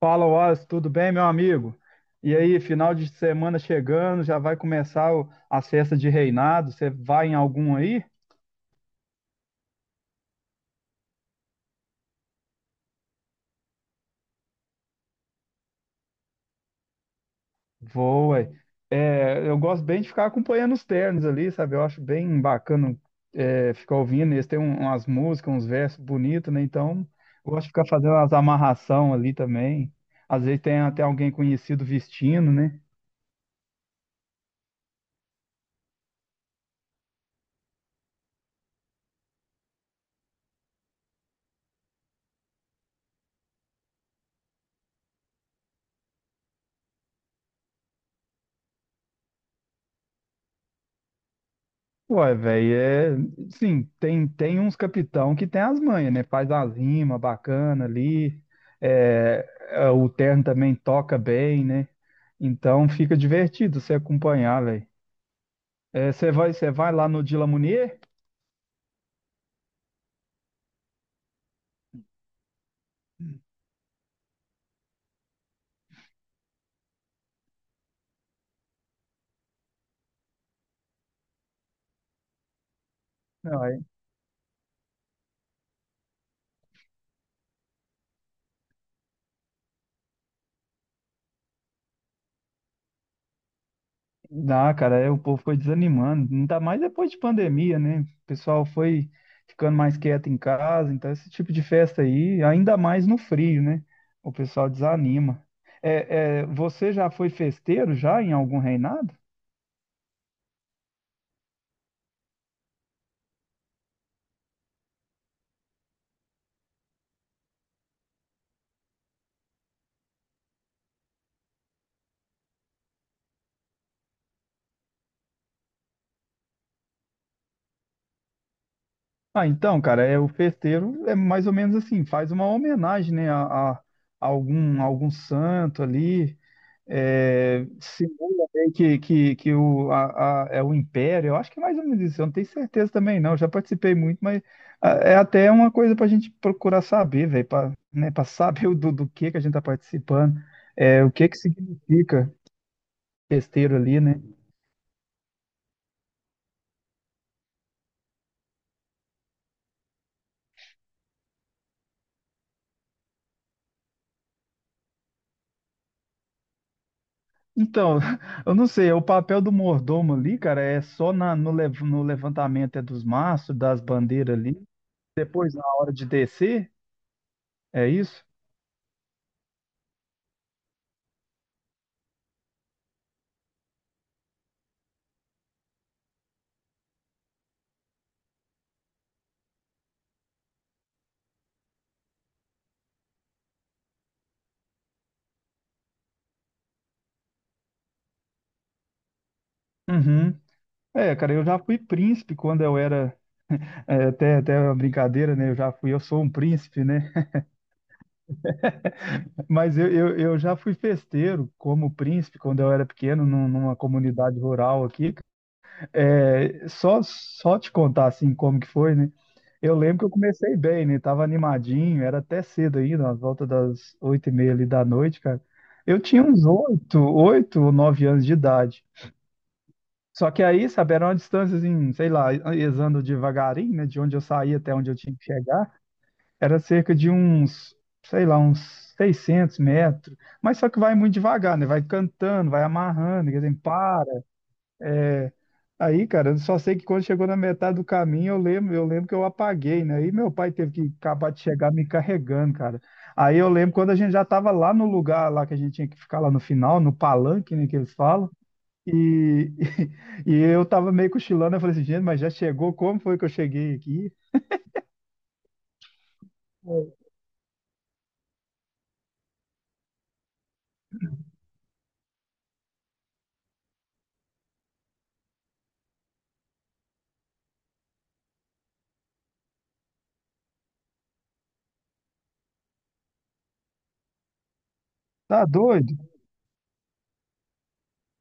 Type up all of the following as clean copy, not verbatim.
Fala, Wallace, tudo bem, meu amigo? E aí, final de semana chegando, já vai começar o- as festas de reinado. Você vai em algum aí? Vou, ué. É, eu gosto bem de ficar acompanhando os ternos ali, sabe? Eu acho bem bacana ficar ouvindo. Eles têm umas músicas, uns versos bonitos, né? Então, eu gosto de ficar fazendo as amarração ali também. Às vezes tem até alguém conhecido vestindo, né? Uai, velho, é. Sim, tem uns capitão que tem as manhas, né? Faz as rimas bacana ali. é, é, o terno também toca bem, né? Então fica divertido você acompanhar, velho. Você vai lá no Dila Munier? Não, dá, cara, é, o povo foi desanimando, ainda mais depois de pandemia, né? O pessoal foi ficando mais quieto em casa, então esse tipo de festa aí, ainda mais no frio, né? O pessoal desanima. É, é, você já foi festeiro já em algum reinado? Ah, então, cara, é o festeiro é mais ou menos assim, faz uma homenagem, né, a algum santo ali, é, simula meio que, que é o Império, eu acho que é mais ou menos isso, eu não tenho certeza também não, eu já participei muito, mas ah, é até uma coisa para a gente procurar saber, velho, para né, para saber do que a gente está participando, é, o que que significa besteiro ali, né? Então, eu não sei, o papel do mordomo ali, cara, é só na, no, lev- no levantamento é dos mastros, das bandeiras ali, depois na hora de descer, é isso? Uhum. É, cara, eu já fui príncipe quando eu era É até, até uma brincadeira, né? Eu já fui, eu sou um príncipe, né? Mas eu já fui festeiro como príncipe quando eu era pequeno, numa comunidade rural aqui. É, só te contar assim como que foi, né? Eu lembro que eu comecei bem, né? Tava animadinho, era até cedo ainda, às volta das oito e meia ali da noite, cara. Eu tinha uns oito, oito ou nove anos de idade. Só que aí, sabe, era uma distância, assim, sei lá, andando devagarinho, né? De onde eu saía até onde eu tinha que chegar. Era cerca de uns, sei lá, uns 600 metros. Mas só que vai muito devagar, né? Vai cantando, vai amarrando, quer dizer, para. É... Aí, cara, eu só sei que quando chegou na metade do caminho, eu lembro que eu apaguei, né? E meu pai teve que acabar de chegar me carregando, cara. Aí eu lembro quando a gente já estava lá no lugar lá que a gente tinha que ficar lá no final, no palanque, né, que eles falam. E, e, eu tava meio cochilando, eu falei assim, gente, mas já chegou? Como foi que eu cheguei aqui? Tá doido?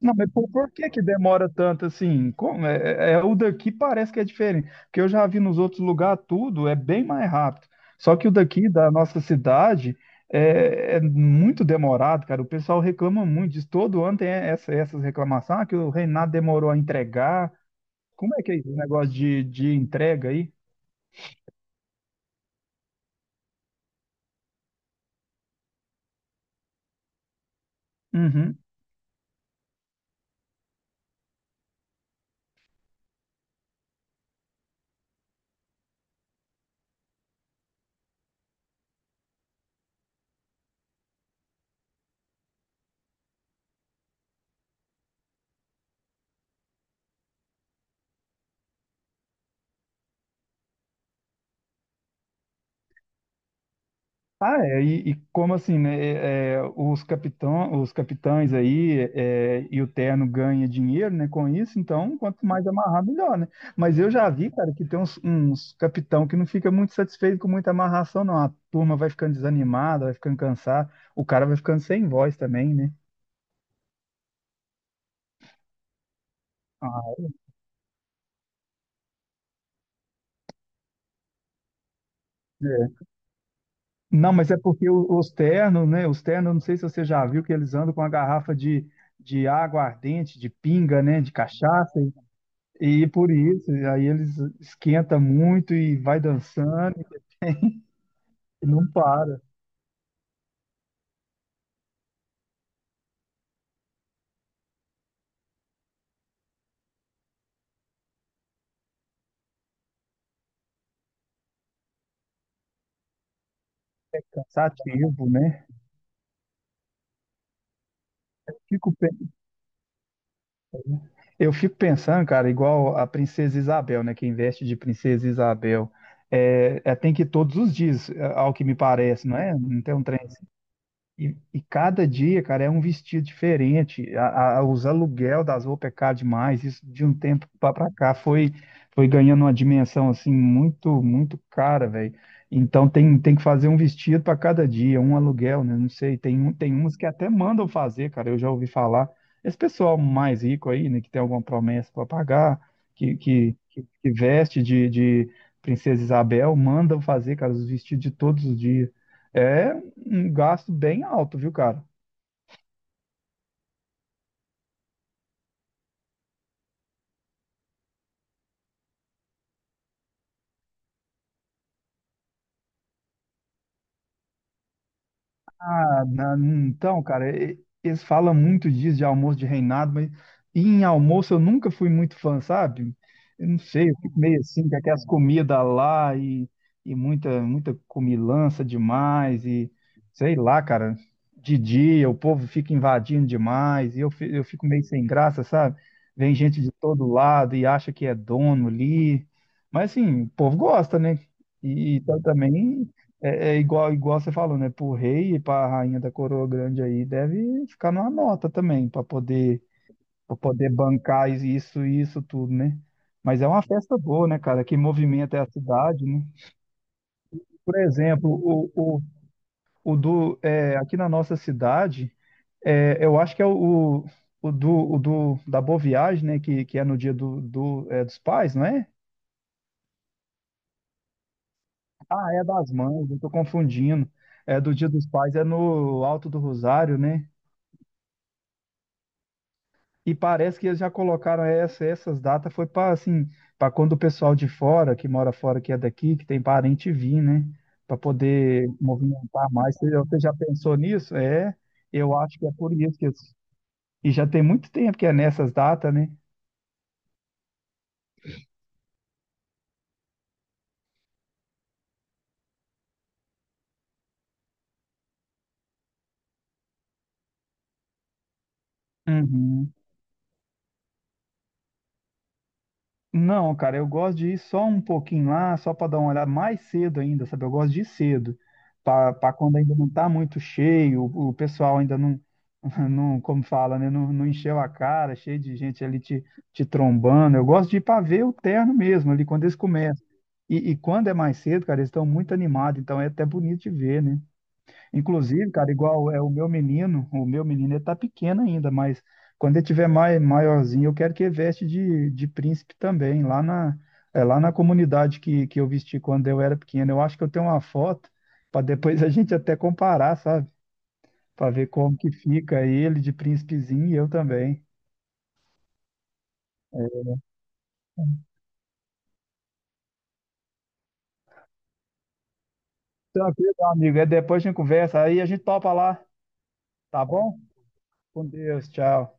Não, mas por que que demora tanto assim? Como é, o daqui parece que é diferente, porque eu já vi nos outros lugares tudo é bem mais rápido. Só que o daqui da nossa cidade é, é muito demorado, cara. O pessoal reclama muito disso. Todo ano tem essas reclamações, ah, que o Reinado demorou a entregar. Como é que é esse negócio de entrega aí? Uhum. Ah, é, e como assim, né? É, os capitães aí é, e o terno ganha dinheiro, né? Com isso, então quanto mais amarrar, melhor, né? Mas eu já vi, cara, que tem uns, uns capitão que não fica muito satisfeito com muita amarração, não. A turma vai ficando desanimada, vai ficando cansada, o cara vai ficando sem voz também, né? Ah, é. Não, mas é porque os ternos, né? Os ternos, não sei se você já viu que eles andam com a garrafa de água ardente, de pinga, né? De cachaça. E por isso, aí eles esquenta muito e vai dançando e não para, cansativo, né? Fico, pe- eu fico pensando, cara, igual a Princesa Isabel, né? Quem veste de Princesa Isabel. É, é, tem que ir todos os dias, é, ao que me parece, não é? Não tem um trem. E cada dia, cara, é um vestido diferente. Os aluguel das roupas é caro demais. Isso de um tempo para cá foi, foi ganhando uma dimensão assim muito, muito cara, velho. Então tem que fazer um vestido para cada dia, um aluguel, né? Não sei, tem, tem uns que até mandam fazer, cara. Eu já ouvi falar. Esse pessoal mais rico aí, né, que tem alguma promessa para pagar, que veste de Princesa Isabel, mandam fazer, cara, os vestidos de todos os dias. É um gasto bem alto, viu, cara? Ah, na- então, cara, eles falam muito disso de almoço de reinado, mas em almoço eu nunca fui muito fã, sabe? Eu não sei, eu fico meio assim, com aquelas comidas lá e muita, muita comilança demais, e sei lá, cara, de dia o povo fica invadindo demais, e eu, eu fico meio sem graça, sabe? Vem gente de todo lado e acha que é dono ali. Mas assim, o povo gosta, né? E, então também é, é igual, igual você falou, né? Pro rei e pra rainha da coroa grande aí, deve ficar numa nota também, pra poder, para poder bancar isso e isso tudo, né? Mas é uma festa boa, né, cara? Que movimenta é a cidade, né? Por exemplo, o, o do, é, aqui na nossa cidade, é, eu acho que é o do, da Boa Viagem, né? Que é no dia é, dos pais, não é? Ah, é das mães, eu tô confundindo. É do dia dos pais, é no Alto do Rosário, né? E parece que eles já colocaram essas datas, foi para assim, para quando o pessoal de fora, que mora fora, que é daqui, que tem parente vir, né? Para poder movimentar mais. Você já pensou nisso? É, eu acho que é por isso que eles... E já tem muito tempo que é nessas datas, né? Uhum. Não, cara, eu gosto de ir só um pouquinho lá, só para dar uma olhada mais cedo ainda, sabe? Eu gosto de ir cedo, para quando ainda não tá muito cheio, o pessoal ainda não, não, como fala, né? Não, não encheu a cara, cheio de gente ali te trombando. Eu gosto de ir para ver o terno mesmo, ali quando eles começam. E quando é mais cedo, cara, eles estão muito animados, então é até bonito de ver, né? Inclusive, cara, igual é o meu menino ele tá pequeno ainda, mas quando ele tiver maiorzinho, eu quero que ele veste de príncipe também, lá na, é, lá na comunidade que eu vesti quando eu era pequeno. Eu acho que eu tenho uma foto para depois a gente até comparar, sabe? Para ver como que fica ele de príncipezinho e eu também. Tranquilo, meu amigo, é depois a gente conversa, aí a gente topa lá, tá bom? Com Deus, tchau.